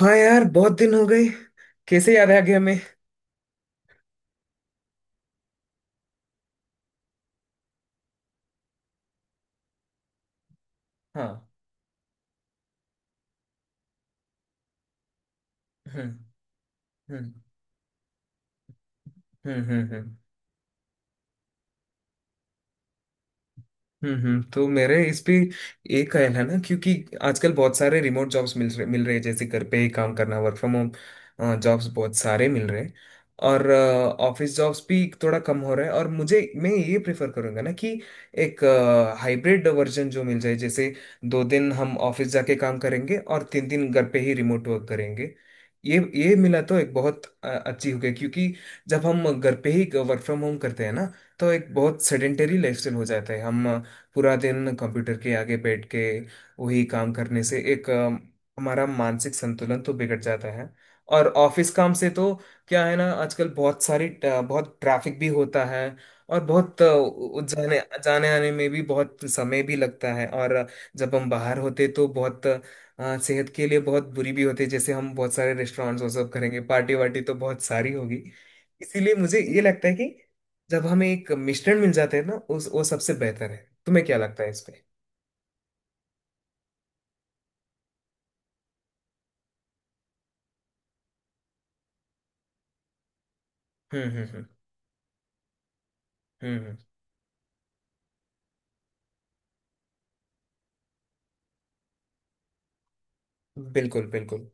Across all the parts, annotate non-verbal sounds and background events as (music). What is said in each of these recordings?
हाँ यार, बहुत दिन हो गए। कैसे याद आ गया हमें? हाँ। हम्म। हम्म। हम्म। हम्म। हम्म। हम्म। तो मेरे इस पे एक ख्याल है ना, क्योंकि आजकल बहुत सारे रिमोट जॉब्स मिल रहे हैं, जैसे घर पे ही काम करना, वर्क फ्रॉम होम जॉब्स बहुत सारे मिल रहे हैं। और ऑफिस जॉब्स भी थोड़ा कम हो रहा है, और मुझे मैं ये प्रेफर करूंगा ना कि एक हाइब्रिड वर्जन जो मिल जाए, जैसे 2 दिन हम ऑफिस जाके काम करेंगे और 3 दिन घर पे ही रिमोट वर्क करेंगे। ये मिला तो एक बहुत अच्छी हो गई, क्योंकि जब हम घर पे ही वर्क फ्रॉम होम करते हैं ना, तो एक बहुत सेडेंटरी लाइफस्टाइल हो जाता है। हम पूरा दिन कंप्यूटर के आगे बैठ के वही काम करने से एक हमारा मानसिक संतुलन तो बिगड़ जाता है। और ऑफिस काम से तो क्या है ना, आजकल बहुत ट्रैफिक भी होता है, और बहुत जाने जाने आने में भी बहुत समय भी लगता है। और जब हम बाहर होते तो बहुत सेहत के लिए बहुत बुरी भी होती है, जैसे हम बहुत सारे रेस्टोरेंट्स वो सब करेंगे, पार्टी वार्टी तो बहुत सारी होगी। इसीलिए मुझे ये लगता है कि जब हमें एक मिश्रण मिल जाता है ना, उस वो सबसे बेहतर है। तुम्हें क्या लगता है इस पे? हम्म। हम्म। हम्म। हम्म। बिल्कुल बिल्कुल।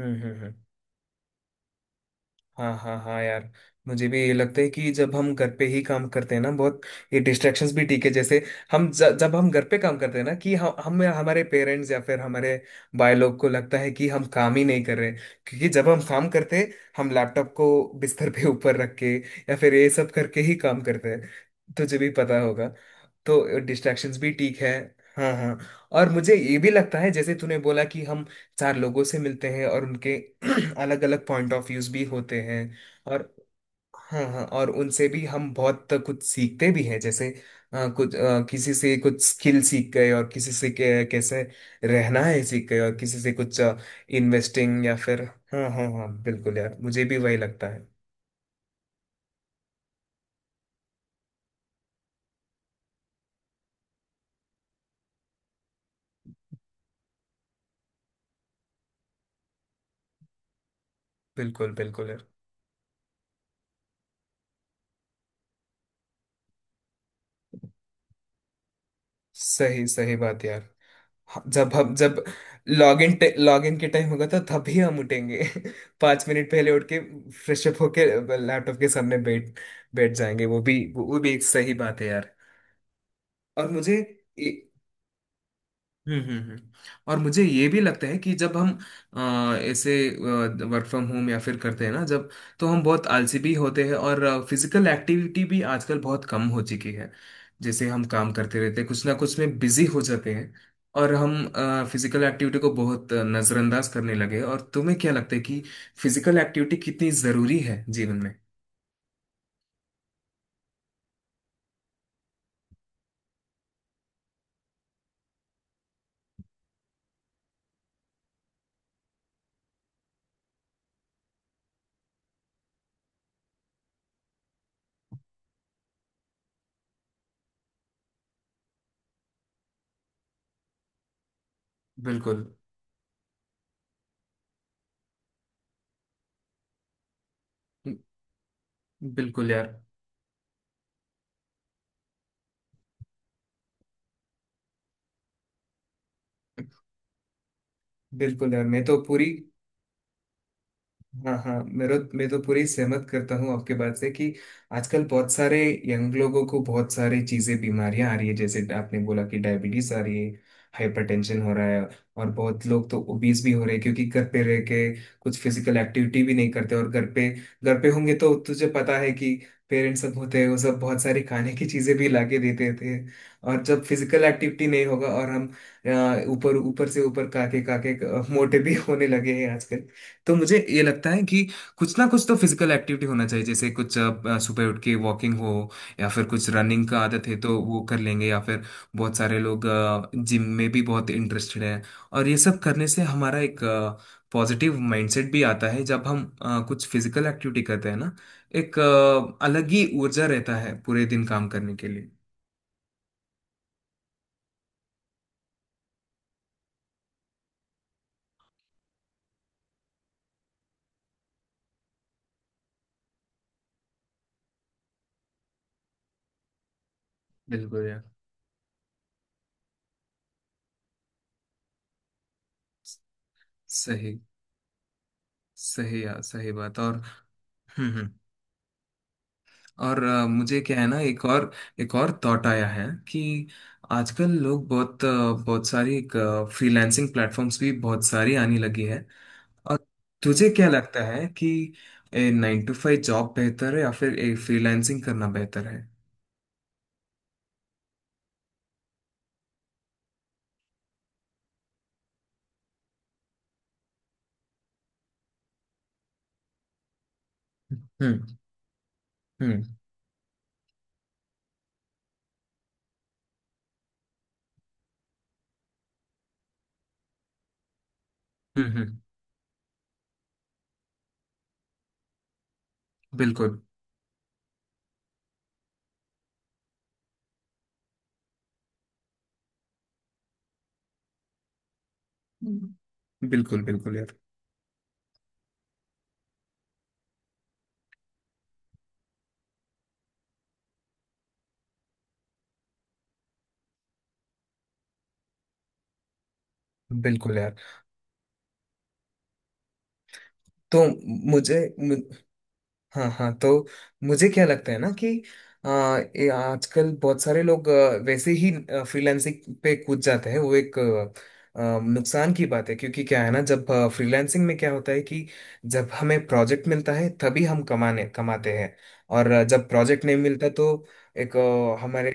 हम्म। हम्म। हम्म। हाँ हाँ हाँ यार, मुझे भी ये लगता है कि जब हम घर पे ही काम करते हैं ना, बहुत ये डिस्ट्रैक्शंस भी ठीक है। जैसे जब हम घर पे काम करते हैं ना कि हम हमारे पेरेंट्स या फिर हमारे भाई लोग को लगता है कि हम काम ही नहीं कर रहे, क्योंकि जब हम काम करते हैं हम लैपटॉप को बिस्तर पे (laughs) ऊपर रख के या फिर ये सब करके ही काम करते हैं। तुझे भी पता होगा। तो डिस्ट्रैक्शंस भी ठीक है। हाँ हाँ। और मुझे ये भी लगता है, जैसे तूने बोला कि हम चार लोगों से मिलते हैं और उनके (clears throat) अलग अलग पॉइंट ऑफ व्यूज भी होते हैं। और हाँ हाँ, और उनसे भी हम बहुत कुछ सीखते भी हैं, जैसे किसी से कुछ स्किल सीख गए, और किसी से कैसे रहना है सीख गए, और किसी से कुछ इन्वेस्टिंग या फिर। हाँ हाँ हाँ बिल्कुल यार, मुझे भी वही लगता है। बिल्कुल बिल्कुल यार। सही सही बात यार। हाँ, जब हम जब लॉगिन लॉगिन के टाइम होगा तो तभी हम उठेंगे। (laughs) 5 मिनट पहले उठ के, फ्रेश अप होके, लैपटॉप के सामने बैठ बैठ जाएंगे। वो भी एक सही बात है यार। और मुझे हम्म। हम्म। हम्म। और मुझे ये भी लगता है कि जब हम ऐसे वर्क फ्रॉम होम या फिर करते हैं ना जब, तो हम बहुत आलसी भी होते हैं और फिजिकल एक्टिविटी भी आजकल बहुत कम हो चुकी है, जैसे हम काम करते रहते हैं, कुछ ना कुछ में बिजी हो जाते हैं। और हम फिजिकल एक्टिविटी को बहुत नजरअंदाज करने लगे। और तुम्हें क्या लगता है कि फिजिकल एक्टिविटी कितनी जरूरी है जीवन में? बिल्कुल बिल्कुल यार। बिल्कुल यार, मैं तो पूरी। हाँ हाँ, मेरा मैं तो पूरी सहमत करता हूँ आपके बात से, कि आजकल बहुत सारे यंग लोगों को बहुत सारी चीजें बीमारियां आ रही है, जैसे आपने बोला कि डायबिटीज आ रही है, हाइपरटेंशन हो रहा है, और बहुत लोग तो ओबीज भी हो रहे हैं, क्योंकि घर पे रह के कुछ फिजिकल एक्टिविटी भी नहीं करते, और घर पे होंगे तो तुझे पता है कि पेरेंट्स सब होते हैं, वो सब बहुत सारी खाने की चीजें भी लाके देते थे। और जब फिजिकल एक्टिविटी नहीं होगा और हम ऊपर ऊपर से ऊपर काके काके मोटे भी होने लगे हैं आजकल। तो मुझे ये लगता है कि कुछ ना कुछ तो फिजिकल एक्टिविटी होना चाहिए, जैसे सुबह उठ के वॉकिंग हो, या फिर कुछ रनिंग का आदत है तो वो कर लेंगे, या फिर बहुत सारे लोग जिम में भी बहुत इंटरेस्टेड हैं। और ये सब करने से हमारा एक पॉजिटिव माइंडसेट भी आता है। जब हम कुछ फिजिकल एक्टिविटी करते हैं ना, एक अलग ही ऊर्जा रहता है पूरे दिन काम करने के लिए। बिल्कुल यार। सही सही यार, सही बात। और हम्म। हम्म। और मुझे क्या है ना, एक और थॉट आया है कि आजकल लोग बहुत बहुत सारी फ्रीलांसिंग प्लेटफॉर्म्स भी बहुत सारी आने लगी है। और तुझे क्या लगता है कि 9 to 5 जॉब बेहतर है या फिर ए फ्रीलांसिंग करना बेहतर है? हम्म। हम्म। हम्म। हम्म। बिल्कुल बिल्कुल। बिल्कुल यार। बिल्कुल यार। तो मुझे मु- हाँ हाँ, तो मुझे क्या लगता है ना कि ये आजकल बहुत सारे लोग वैसे ही फ्रीलांसिंग पे कूद जाते हैं, वो एक आ, आ, नुकसान की बात है, क्योंकि क्या है ना, जब फ्रीलांसिंग में क्या होता है कि जब हमें प्रोजेक्ट मिलता है तभी हम कमाने कमाते हैं, और जब प्रोजेक्ट नहीं मिलता तो एक हमारे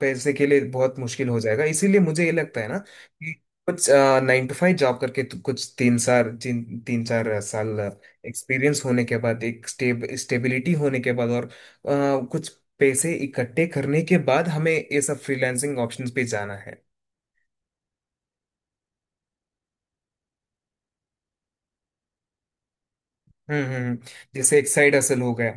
पैसे के लिए बहुत मुश्किल हो जाएगा, इसीलिए मुझे ये लगता है ना कि कुछ 9 to 5 जॉब करके तो कुछ तीन चार साल एक्सपीरियंस होने के बाद, एक स्टेबिलिटी होने के बाद, और कुछ पैसे इकट्ठे करने के बाद हमें ये सब फ्रीलांसिंग ऑप्शंस पे जाना है। हम्म। हम्म। हम्म। जैसे एक साइड असल हो गया।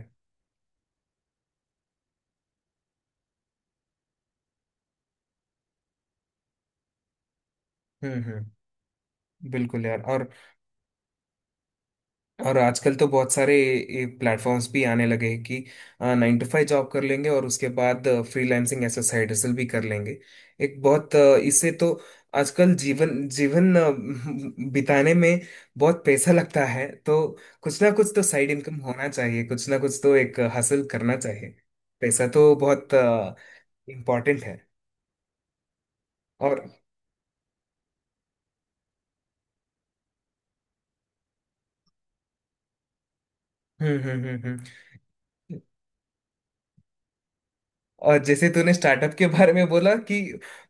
हम्म। हम्म। बिल्कुल यार। और आजकल तो बहुत सारे प्लेटफॉर्म्स भी आने लगे हैं कि 9 to 5 जॉब कर लेंगे और उसके बाद फ्रीलांसिंग ऐसा साइड हसल भी कर लेंगे। एक बहुत इससे तो आजकल जीवन जीवन अ, (laughs) बिताने में बहुत पैसा लगता है, तो कुछ ना कुछ तो साइड इनकम होना चाहिए, कुछ ना कुछ तो एक हासिल करना चाहिए। पैसा तो बहुत इम्पोर्टेंट है। और हम्म। हम्म। हम्म। हम्म। और जैसे तूने स्टार्टअप के बारे में बोला कि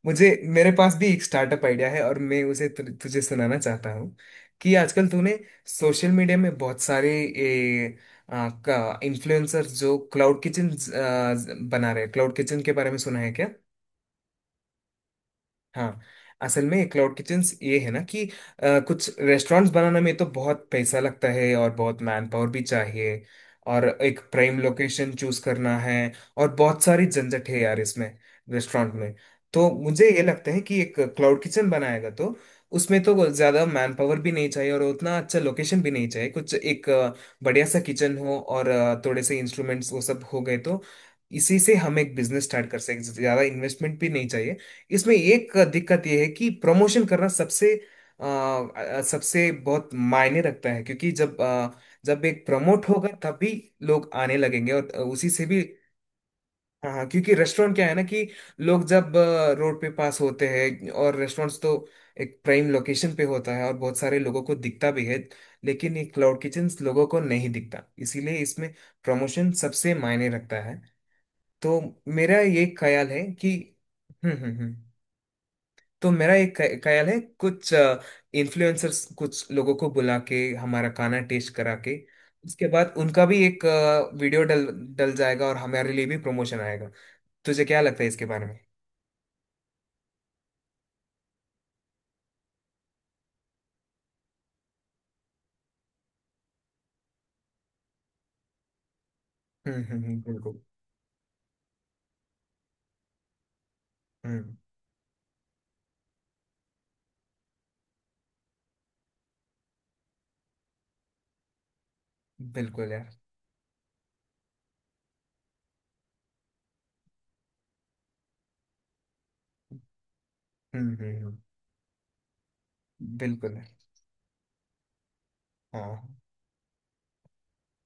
मुझे मेरे पास भी एक स्टार्टअप आइडिया है, और मैं उसे तुझे सुनाना चाहता हूँ कि आजकल तूने सोशल मीडिया में बहुत सारे का इन्फ्लुएंसर जो क्लाउड किचन बना रहे हैं, क्लाउड किचन के बारे में सुना है क्या? हाँ। असल में क्लाउड किचन्स ये है ना कि कुछ रेस्टोरेंट्स बनाने में तो बहुत पैसा लगता है, और बहुत मैन पावर भी चाहिए, और एक प्राइम लोकेशन चूज करना है, और बहुत सारी झंझट है यार इसमें, रेस्टोरेंट में। तो मुझे ये लगता है कि एक क्लाउड किचन बनाएगा तो उसमें तो ज्यादा मैन पावर भी नहीं चाहिए, और उतना अच्छा लोकेशन भी नहीं चाहिए, कुछ एक बढ़िया सा किचन हो और थोड़े से इंस्ट्रूमेंट्स वो सब हो गए तो इसी से हम एक बिजनेस स्टार्ट कर सकते, ज्यादा इन्वेस्टमेंट भी नहीं चाहिए। इसमें एक दिक्कत यह है कि प्रमोशन करना सबसे बहुत मायने रखता है, क्योंकि जब एक प्रमोट होगा तभी लोग आने लगेंगे और उसी से भी। हाँ हाँ, क्योंकि रेस्टोरेंट क्या है ना कि लोग रोड पे पास होते हैं, और रेस्टोरेंट्स तो एक प्राइम लोकेशन पे होता है और बहुत सारे लोगों को दिखता भी है, लेकिन ये क्लाउड किचन लोगों को नहीं दिखता, इसीलिए इसमें प्रमोशन सबसे मायने रखता है। तो मेरा ये ख्याल है कि हम्म। हम्म। हम्म। तो मेरा एक ख्याल है, कुछ इन्फ्लुएंसर्स, कुछ लोगों को बुला के हमारा खाना टेस्ट करा के, उसके बाद उनका भी एक वीडियो डल डल जाएगा और हमारे लिए भी प्रमोशन आएगा। तुझे क्या लगता है इसके बारे में? हम्म। हम्म। बिल्कुल। हम्म। बिल्कुल यार। हम्म। हम्म। बिल्कुल यार। हाँ।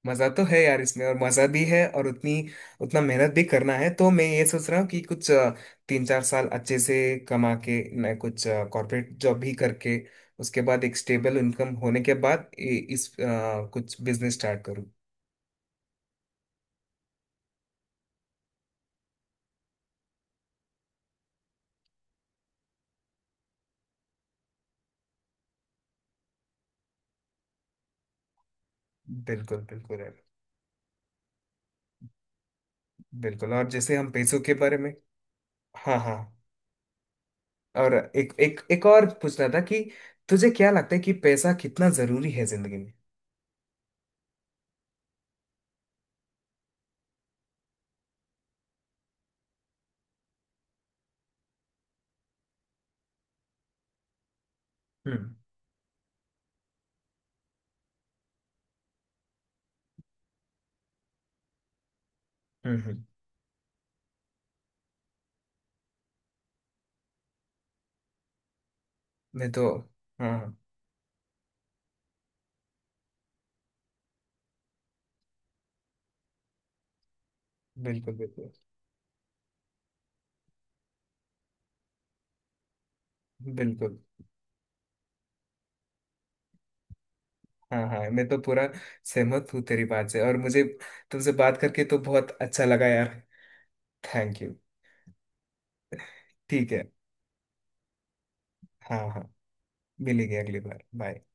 मजा तो है यार इसमें, और मजा भी है, और उतनी उतना मेहनत भी करना है, तो मैं ये सोच रहा हूँ कि 3-4 साल अच्छे से कमा के, मैं कुछ कॉर्पोरेट जॉब भी करके, उसके बाद एक स्टेबल इनकम होने के बाद कुछ बिजनेस स्टार्ट करूँ। बिल्कुल बिल्कुल यार। बिल्कुल। और जैसे हम पैसों के बारे में। हाँ हाँ। और एक एक एक और पूछना था कि तुझे क्या लगता है कि पैसा कितना जरूरी है जिंदगी में? हम्म। हम्म। हम्म। मैं तो। हाँ हाँ, बिल्कुल बिल्कुल बिल्कुल। हाँ हाँ, मैं तो पूरा सहमत हूँ तेरी बात से, और मुझे तुमसे बात करके तो बहुत अच्छा लगा यार। Thank you. ठीक है। हाँ हाँ, मिलेंगे अगली बार। बाय।